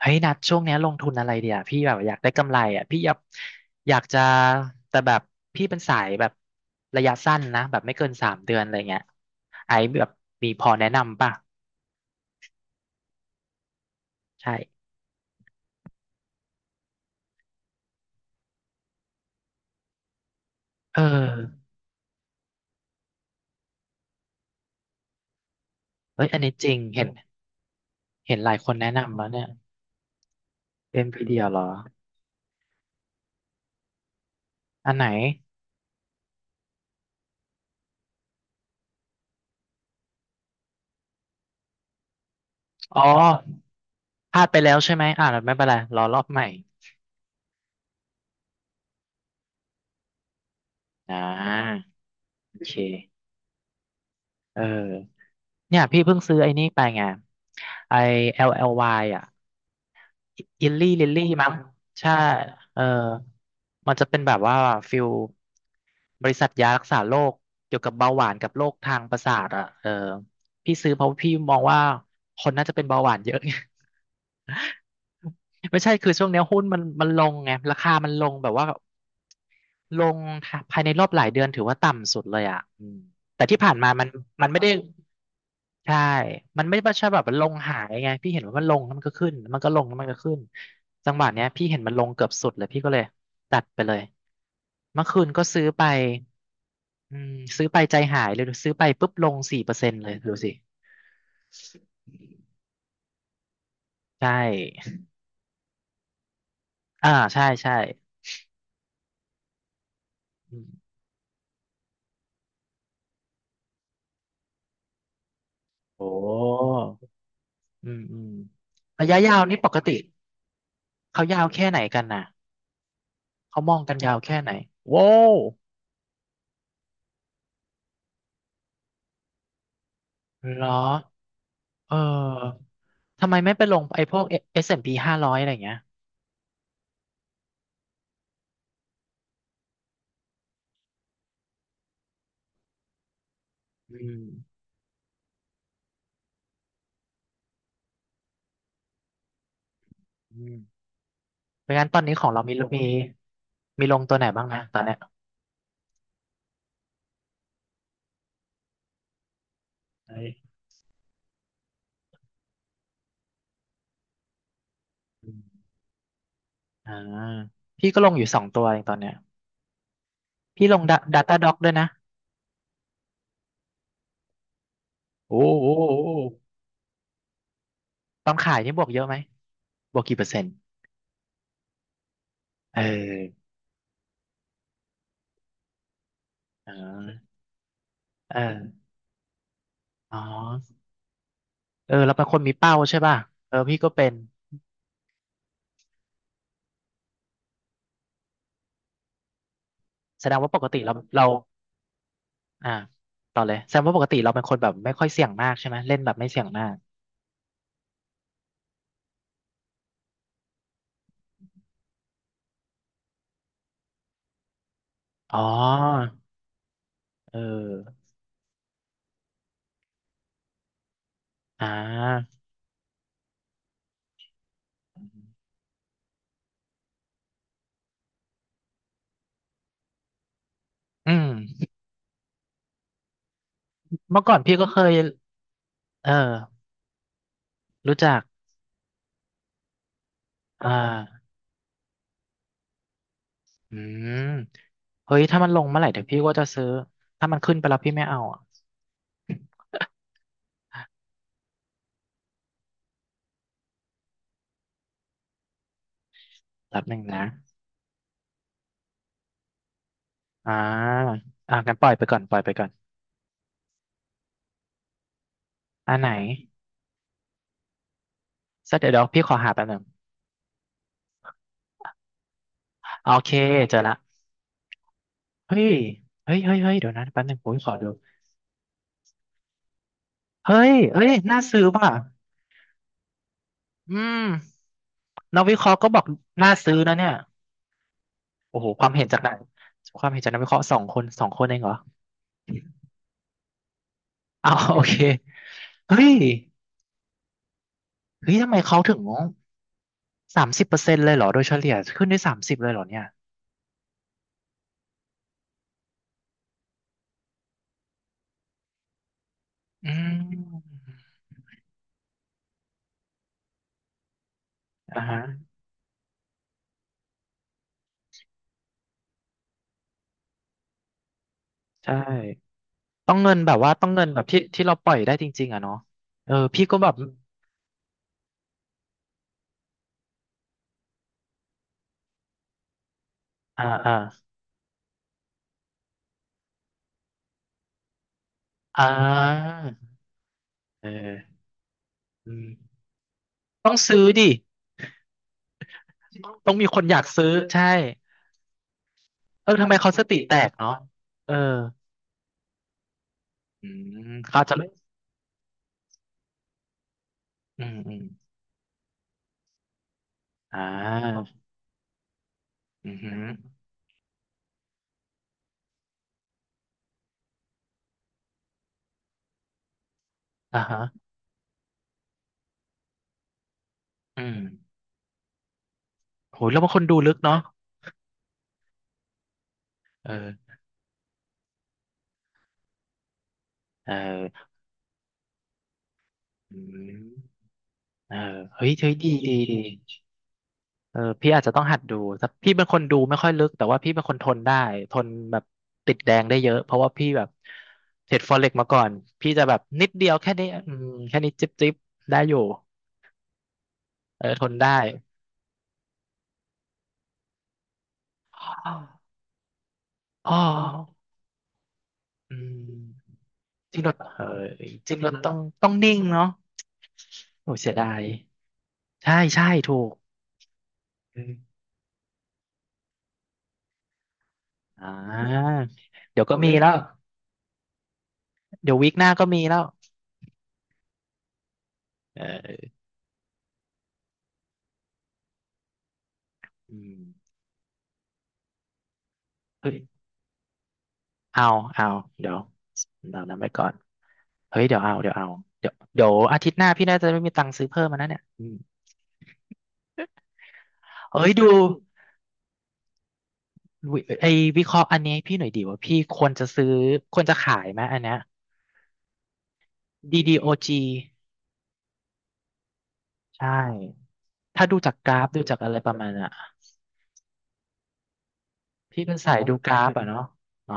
เฮ้ยนัดช่วงเนี้ยลงทุนอะไรเดียวพี่แบบอยากได้กำไรอ่ะพี่อยากจะแต่แบบพี่เป็นสายแบบระยะสั้นนะแบบไม่เกินสามเดือนอะไรเงี้ยไอ้แบบมีพอแนะนำป่ะใช่เออเฮ้ยอันนี้จริงเห็นเห็นหลายคนแนะนำแล้วเนี่ยเอ็นพีเดียวเหรออันไหนอ๋อพลาดไปแล้วใช่ไหมอ่าไม่เป็นไรรอรอบใหม่อ่าโอเคเออเนี่ยพี่เพิ่งซื้อไอ้นี่ไปไงไอ้ l ยอ่ะ อิลลี่ลิลลี่มั้งใช่เออมันจะเป็นแบบว่าฟิลบริษัทยารักษาโรคเกี่ยวกับเบาหวานกับโรคทางประสาทอ่ะเออพี่ซื้อเพราะพี่มองว่าคนน่าจะเป็นเบาหวานเยอะไง ไม่ใช่คือช่วงเนี้ยหุ้นมันลงไงราคามันลงแบบว่า ลงค่ะภายในรอบหลายเดือนถือว่าต่ำสุดเลยอ่ะอืมแต่ที่ผ่านมามันมันไม่ได้ใช่ มันไม่ใช่แบบมันลงหายไงพี่เห็นว่ามันลงแล้วมันก็ขึ้นมันก็ลงแล้วมันก็ขึ้นจังหวะเนี้ยพี่เห็นมันลงเกือบสุดเลยพี่ก็เลยตัดไปเลยเมื่อคืนก็ซื้อไปอืมซื้อไปใจหายเลยดูซื้อไปปุ๊บลง4%เลยดูสิใช่อ่าใช่ใช่อืมโอ้อืมอืมระยะยาวนี่ปกติเขายาวแค่ไหนกันน่ะ เขามองกันยาวแค่ไหนโว้วเหรอเออทำไมไม่ไปลงไอ้พวก S&P 500อะไรอย่างเงี้ยอืมอืมเพราะงั้นตอนนี้ของเรามีมีลงตัวไหนบ้างนะตอนเนี้ยเอ้ยอืมอ่าพี่ก็ลงอยู่2 ตัวเองตอนเนี้ยพี่ลง Data Doc ด้วยนะโอ้โหตอนขายนี่บวกเยอะไหมบวกกี่เปอร์เซ็นต์เอออ่าเอออ๋อเออเราเป็นคนมีเป้าใช่ป่ะเออพี่ก็เป็นแสดงว่าปกติเรา อ่าต่อเลยแสดงว่าปกติเราเป็นคนแบบไม่ค่อยเสี่ยงมากใช่ไหมเล่นแบบไม่เสี่ยงมากอ๋อเอออ่าอืมเมื่อก่อนพี่ก็เคยเออรู้จักอ่าอืมเฮ้ยถ้ามันลงเมื่อไหร่เดี๋ยวพี่ก็จะซื้อถ้ามันขึ้นไปแล้วพี่ไม่เอาอ่ะแป๊บหนึ่งนะอ่าอ่ากั้นปล่อยไปก่อนปล่อยไปก่อนอันไหนสักเดี๋ยวเดี๋ยวพี่ขอหาแป๊บหนึ่งโอเคเจอละเฮ้ยเฮ้ยเฮ้ยเฮ้ยเดี๋ยวนะแป๊บหนึ่งผมขอดูเฮ้ยเอ้ยน่าซื้อป่ะ อืมนักวิเคราะห์ก็บอกน่าซื้อนะเนี่ยโอ้โหความเห็นจากนักความเห็นจากนักวิเคราะห์2 คน 2 คนเองเหรออ้าว โอเคเฮ้ยเฮ้ยทำไมเขาถึง30%เลยเหรอโดยเฉลี่ยขึ้นได้สามสิบเลยเหรอเนี่ยอืมอ่าฮะใช่ต้องเงินแบบว่าต้องเงินแบบที่ที่เราปล่อยได้จริงๆอะเนาะเออพี่ก็แบบอ่าอ่าอ่าเอออืมต้องซื้อดิต้องมีคนอยากซื้อใช่ เออทำไมเขาสติแตกเนาะเอออืมเขาจะไม่อืมอ่าอืมอหืออ่าฮะอืมโหแล้วบางคนดูลึกเนาะเออเอออืมเออเฮ้ยเฮ้ยดีดีดีเออพี่อาจจะต้องหัดดูแต่พี่เป็นคนดูไม่ค่อยลึกแต่ว่าพี่เป็นคนทนได้ทนแบบติดแดงได้เยอะเพราะว่าพี่แบบเทรดฟอเร็กมาก่อนพี่จะแบบนิดเดียวแค่นี้อืมแค่นี้จิ๊บจิ๊บได้อยู่เออทนได้อ้ออืม จริงเราเออจริงเราต้องต้องนิ่งเนาะโอ้เสียดายใช่ใช่ถูกอืมอ่าเดี๋ยวก็มีแล้วเดี๋ยววีคหน้าก็มีแล้วเอออืมเฮ้ยเอาเอาเดี๋ยวเรานำไว้ก่อนเฮ้ยเดี๋ยวเอาเดี๋ยวเอาเดี๋ยวเดี๋ยวอาทิตย์หน้าพี่น่าจะไม่มีตังค์ซื้อเพิ่มมานะเนี่ยอืมเอ้ยดูวิไอ้วิเคราะห์อันนี้ให้พี่หน่อยดีว่าพี่ควรจะซื้อควรจะขายไหมอันเนี้ยดีดีโอจีใช่ถ้าดูจากกราฟดูจากอะไรประมาณน่ะ พี่เป็นสายดูกราฟอ่ะเนาะอ๋อ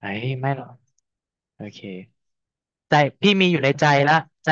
ไอ้ยไม่หรอกโอเค ใจพี่มีอยู่ในใจละใจ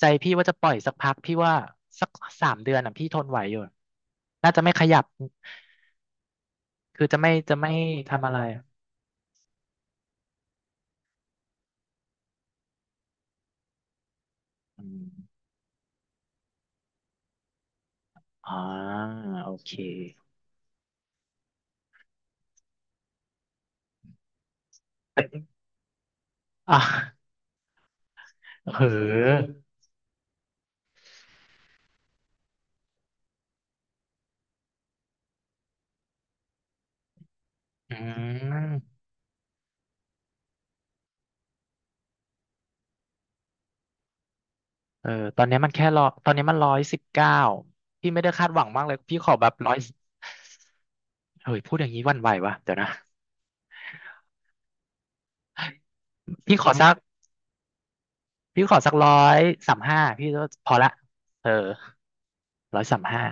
ใจพี่ว่าจะปล่อยสักพักพี่ว่าสักสามเดือนอ่ะพี่ทนไหวอยู่ น่าจะไม่ขยับ คือจะไม่ทำอะไรอืมอ๋อโอเค อ่ะเอออืม เออ ตอนนี้มันแค่รอตอนนี้มัน119พี่ไม่ได้คาดหวังมากเลยพี่ขอแบบร้อยเฮ้ยพูดอย่างนี้หวันไหววะเดี๋ยวนะพี่ขอสัก พี่ขอสัก135พี่ก็พอละเออร้อยสามห้า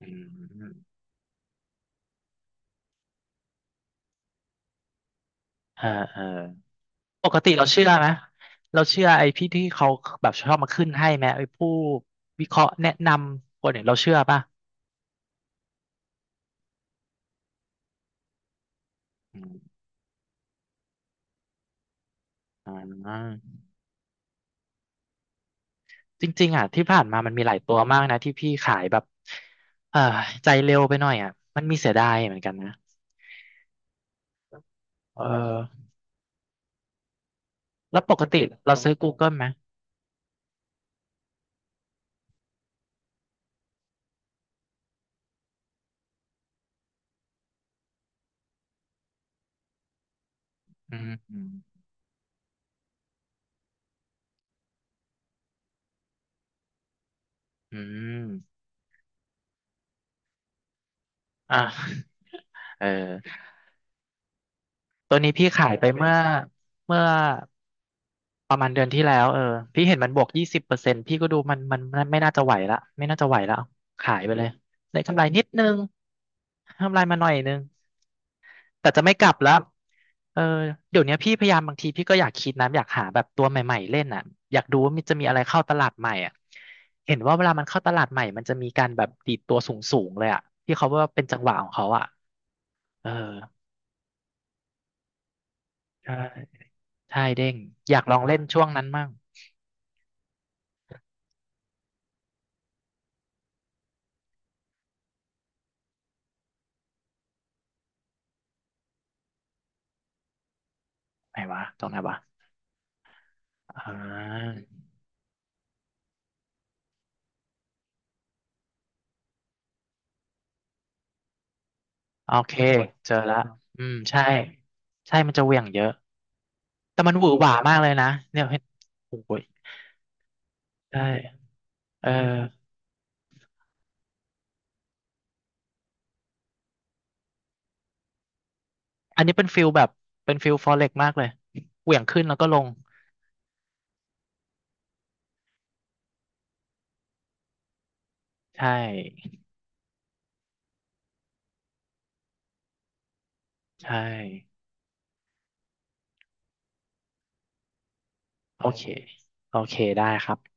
อืมเออเออปกติเราเชื่อไหมเราเชื่อไอ้พี่ที่เขาแบบชอบมาขึ้นให้ไหมไอ้ผู้วิเคราะห์แนะนำคนเนี่ยเราเชื่อป่ะอืมอ่าจริงๆอ่ะที่ผ่านมามันมีหลายตัวมากนะที่พี่ขายแบบเออใจเร็วไปหน่อยอ่ะมันมีเสียดายเหมือนกันนะเออแล้วปกติเราซื้อ Google ไหมอืมอืมอมอ่ะเออ ตัวนี้พี่ขายไปเมื่อประมาณเดือนที่แล้วเออพี่เห็นมันบวก20%พี่ก็ดูมันไม่น่าจะไหวละไม่น่าจะไหวแล้วขายไปเลยได้กำไรนิดนึงกำไรมาหน่อยนึงแต่จะไม่กลับแล้วเออเดี๋ยวเนี้ยพี่พยายามบางทีพี่ก็อยากคิดนะอยากหาแบบตัวใหม่ๆเล่นอ่ะอยากดูว่ามันจะมีอะไรเข้าตลาดใหม่อ่ะเห็นว่าเวลามันเข้าตลาดใหม่มันจะมีการแบบดีดตัวสูงๆเลยอ่ะที่เขาว่าเป็นจังหวะของเขาอ่ะเออใช่ ใช่เด้งอยากลองเล่นช่วงนั้นมั่งไหนวะตรงไหนวะอ่าโอเคเจอละอืมใช่ใช่มันจะเหวี่ยงเยอะแต่มันหวือหวามากเลยนะเนี่ยเห็นโอ้ยใช่เอออันนี้เป็นฟิลแบบเป็นฟิลฟอเร็กมากเลยเหวี่ยงขึ้นแล้วก็ลงใช่ใช่โอเคโอเคได้ครับ